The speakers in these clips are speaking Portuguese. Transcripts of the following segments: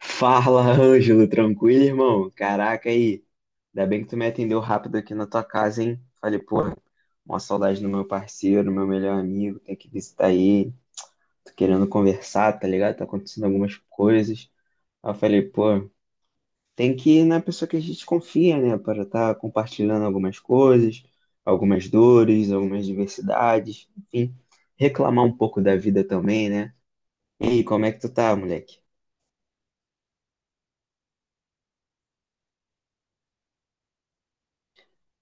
Fala, Ângelo, tranquilo, irmão? Caraca, aí. Ainda bem que tu me atendeu rápido aqui na tua casa, hein? Falei, pô, uma saudade do meu parceiro, meu melhor amigo, tem que visitar ele. Tô querendo conversar, tá ligado? Tá acontecendo algumas coisas. Aí eu falei, pô, tem que ir na pessoa que a gente confia, né? Para estar compartilhando algumas coisas, algumas dores, algumas diversidades, enfim, reclamar um pouco da vida também, né? E aí, como é que tu tá, moleque?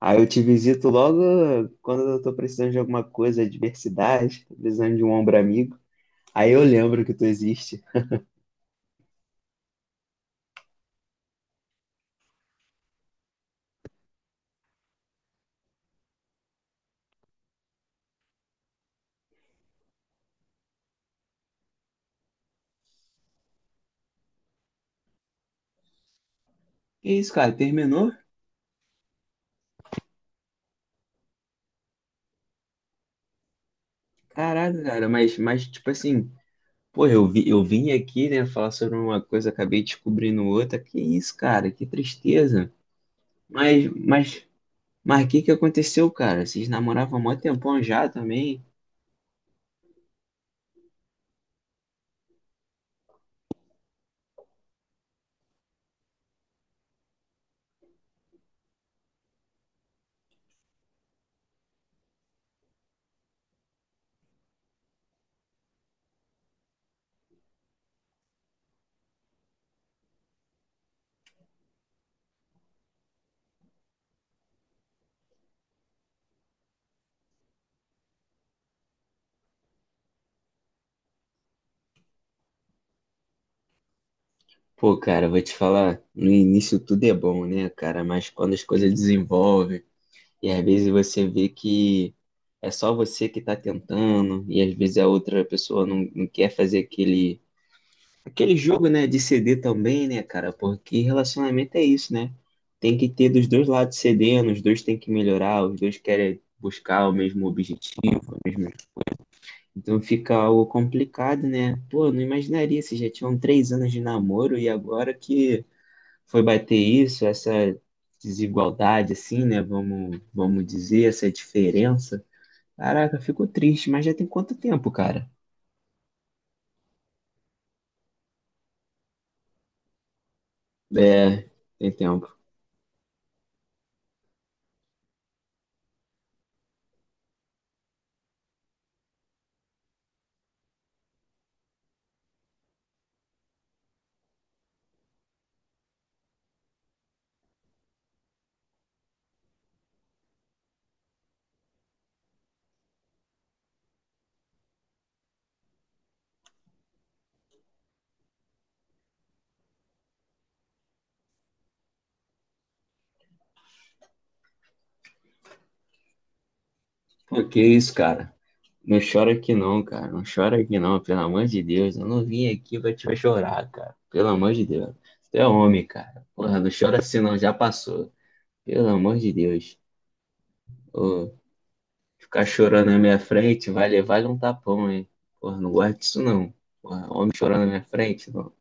Aí eu te visito logo quando eu tô precisando de alguma coisa, adversidade, tô precisando de um ombro amigo. Aí eu lembro que tu existe. Que isso, cara? Terminou? Caraca, cara, mas tipo assim, pô, eu vi, eu vim aqui, né, falar sobre uma coisa, acabei descobrindo outra. Que isso, cara? Que tristeza. Mas, mas, mas o que que aconteceu, cara? Vocês namoravam há mó tempão já também? Pô, cara, vou te falar, no início tudo é bom, né, cara? Mas quando as coisas desenvolvem e às vezes você vê que é só você que está tentando, e às vezes a outra pessoa não quer fazer aquele jogo, né, de ceder também, né, cara? Porque relacionamento é isso, né? Tem que ter dos dois lados cedendo, os dois têm que melhorar, os dois querem buscar o mesmo objetivo, o mesmo- Então fica algo complicado, né? Pô, não imaginaria se já tinham 3 anos de namoro e agora que foi bater isso, essa desigualdade, assim, né? Vamos dizer, essa diferença. Caraca, ficou triste, mas já tem quanto tempo, cara? É, tem tempo. Pô, que isso, cara? Não chora aqui não, cara. Não chora aqui não, pelo amor de Deus. Eu não vim aqui pra te ver chorar, cara. Pelo amor de Deus. Você é homem, cara. Porra, não chora assim não, já passou. Pelo amor de Deus. Ô, ficar chorando na minha frente vai levar um tapão, hein? Porra, não gosto disso, não. Porra, homem chorando na minha frente, não.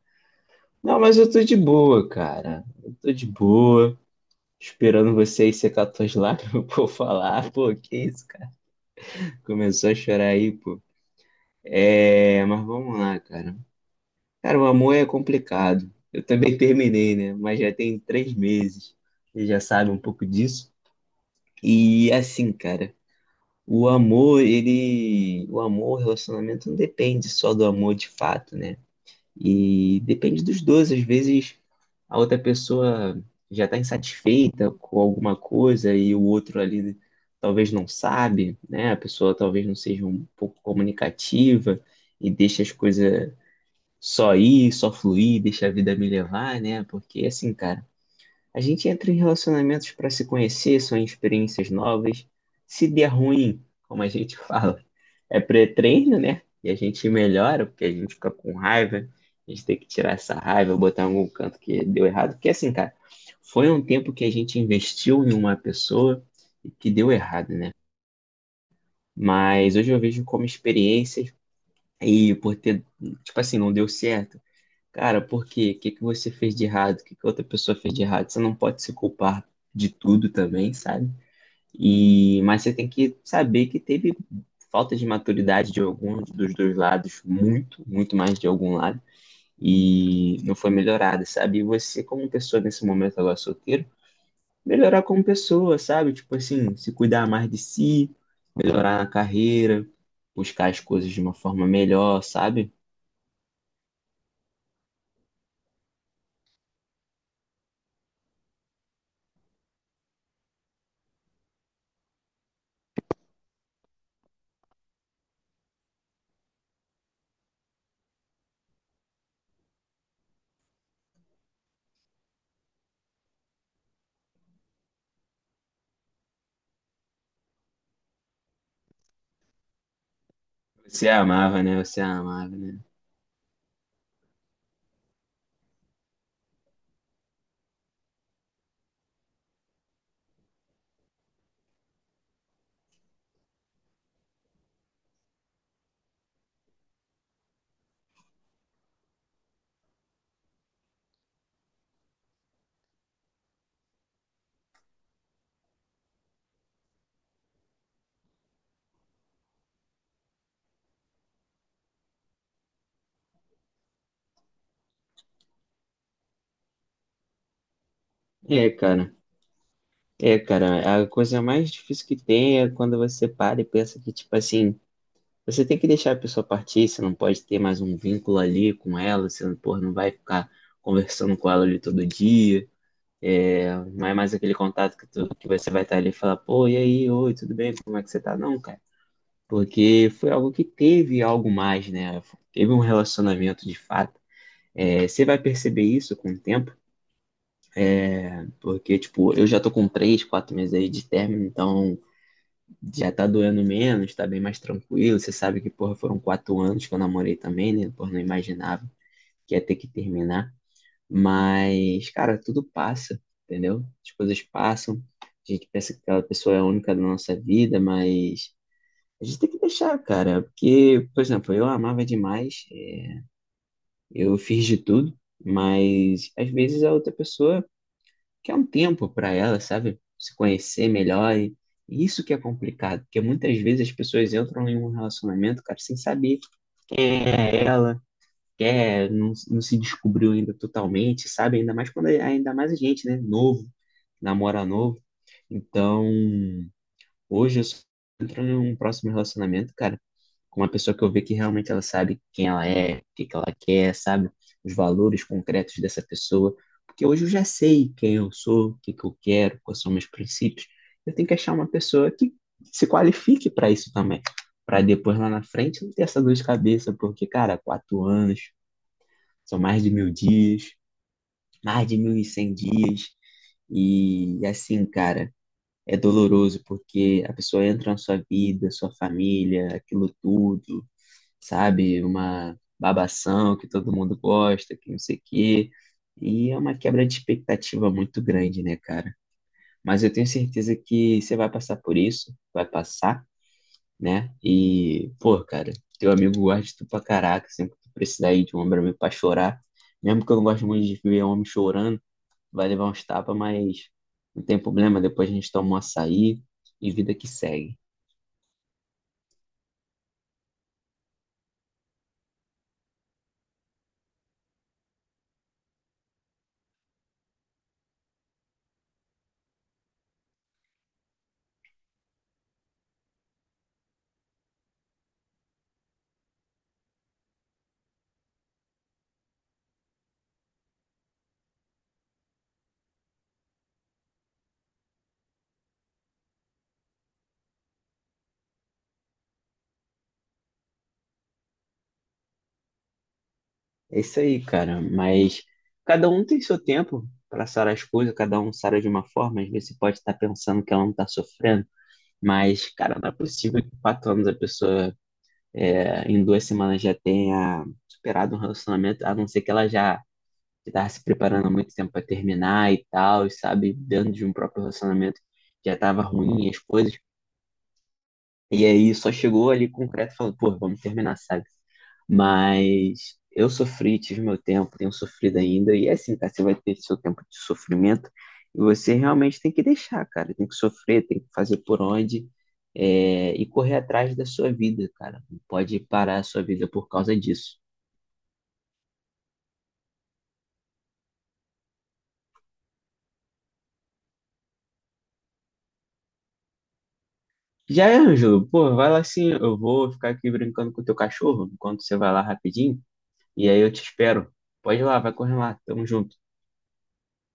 Não, mas eu tô de boa, cara. Eu tô de boa, esperando você aí secar tuas lágrimas, pô, falar. Pô, que isso, cara? Começou a chorar aí, pô. É, mas vamos lá, cara. Cara, o amor é complicado. Eu também terminei, né? Mas já tem 3 meses. Você já sabe um pouco disso. E assim, cara, o amor, ele. O amor, o relacionamento não depende só do amor de fato, né? E depende dos dois. Às vezes a outra pessoa já está insatisfeita com alguma coisa e o outro ali talvez não sabe, né? A pessoa talvez não seja um pouco comunicativa e deixa as coisas só ir, só fluir, deixa a vida me levar, né? Porque assim, cara. A gente entra em relacionamentos para se conhecer, são experiências novas. Se der ruim, como a gente fala, é pré-treino, né? E a gente melhora, porque a gente fica com raiva. A gente tem que tirar essa raiva, botar em algum canto que deu errado. Porque assim, cara, foi um tempo que a gente investiu em uma pessoa e que deu errado, né? Mas hoje eu vejo como experiências e por ter, tipo assim, não deu certo. Cara, por quê? O que que você fez de errado? O que que outra pessoa fez de errado? Você não pode se culpar de tudo também, sabe? E mas você tem que saber que teve falta de maturidade de algum dos dois lados, muito, muito mais de algum lado, e não foi melhorada, sabe? E você, como pessoa nesse momento agora solteiro, melhorar como pessoa, sabe? Tipo assim, se cuidar mais de si, melhorar na carreira, buscar as coisas de uma forma melhor, sabe? Você amava, né? Você amava, né? É, cara. É, cara, a coisa mais difícil que tem é quando você para e pensa que, tipo assim, você tem que deixar a pessoa partir, você não pode ter mais um vínculo ali com ela, você, não pô, não vai ficar conversando com ela ali todo dia, não é mais aquele contato que, tu, que você vai estar ali e falar, pô, e aí, oi, tudo bem, como é que você tá? Não, cara, porque foi algo que teve algo mais, né? Teve um relacionamento de fato. É, você vai perceber isso com o tempo, porque, tipo, eu já tô com 3, 4 meses aí de término, então já tá doendo menos, tá bem mais tranquilo. Você sabe que, porra, foram 4 anos que eu namorei também, né? Porra, não imaginava que ia ter que terminar. Mas, cara, tudo passa, entendeu? As coisas passam. A gente pensa que aquela pessoa é a única da nossa vida, mas a gente tem que deixar, cara. Porque, por exemplo, eu amava demais, é, eu fiz de tudo, mas às vezes a outra pessoa que é um tempo para ela, sabe? Se conhecer melhor. E isso que é complicado, porque muitas vezes as pessoas entram em um relacionamento, cara, sem saber quem é ela, quem é, não, não se descobriu ainda totalmente, sabe? Ainda mais quando é, ainda mais a gente, né? Novo, namora novo. Então, hoje eu só entro num próximo relacionamento, cara, com uma pessoa que eu ver que realmente ela sabe quem ela é, o que que ela quer, sabe? Os valores concretos dessa pessoa. Porque hoje eu já sei quem eu sou, o que que eu quero, quais são meus princípios. Eu tenho que achar uma pessoa que se qualifique para isso também. Para depois lá na frente não ter essa dor de cabeça, porque, cara, 4 anos, são mais de 1.000 dias, mais de 1.100 dias. E assim, cara, é doloroso porque a pessoa entra na sua vida, sua família, aquilo tudo, sabe? Uma babação que todo mundo gosta, que não sei o quê. E é uma quebra de expectativa muito grande, né, cara? Mas eu tenho certeza que você vai passar por isso, vai passar, né? E, pô, cara, teu amigo gosta de tu pra caraca, sempre que tu precisar ir de um homem pra mim pra chorar. Mesmo que eu não gosto muito de ver homem chorando, vai levar uns tapas, mas não tem problema. Depois a gente toma um açaí e vida que segue. É isso aí, cara. Mas cada um tem seu tempo para sarar as coisas, cada um sara de uma forma. Às vezes você pode estar pensando que ela não está sofrendo, mas, cara, não é possível que em 4 anos a pessoa, é, em 2 semanas, já tenha superado um relacionamento, a não ser que ela já estava se preparando há muito tempo para terminar e tal, e sabe, dentro de um próprio relacionamento já estava ruim as coisas. E aí só chegou ali concreto falando, pô, vamos terminar, sabe? Mas eu sofri, tive meu tempo, tenho sofrido ainda. E é assim, cara, você vai ter seu tempo de sofrimento e você realmente tem que deixar, cara. Tem que sofrer, tem que fazer por onde é, e correr atrás da sua vida, cara. Não pode parar a sua vida por causa disso. Já é, Ângelo, pô, vai lá assim, eu vou ficar aqui brincando com o teu cachorro enquanto você vai lá rapidinho. E aí eu te espero. Pode ir lá, vai correr lá. Tamo junto.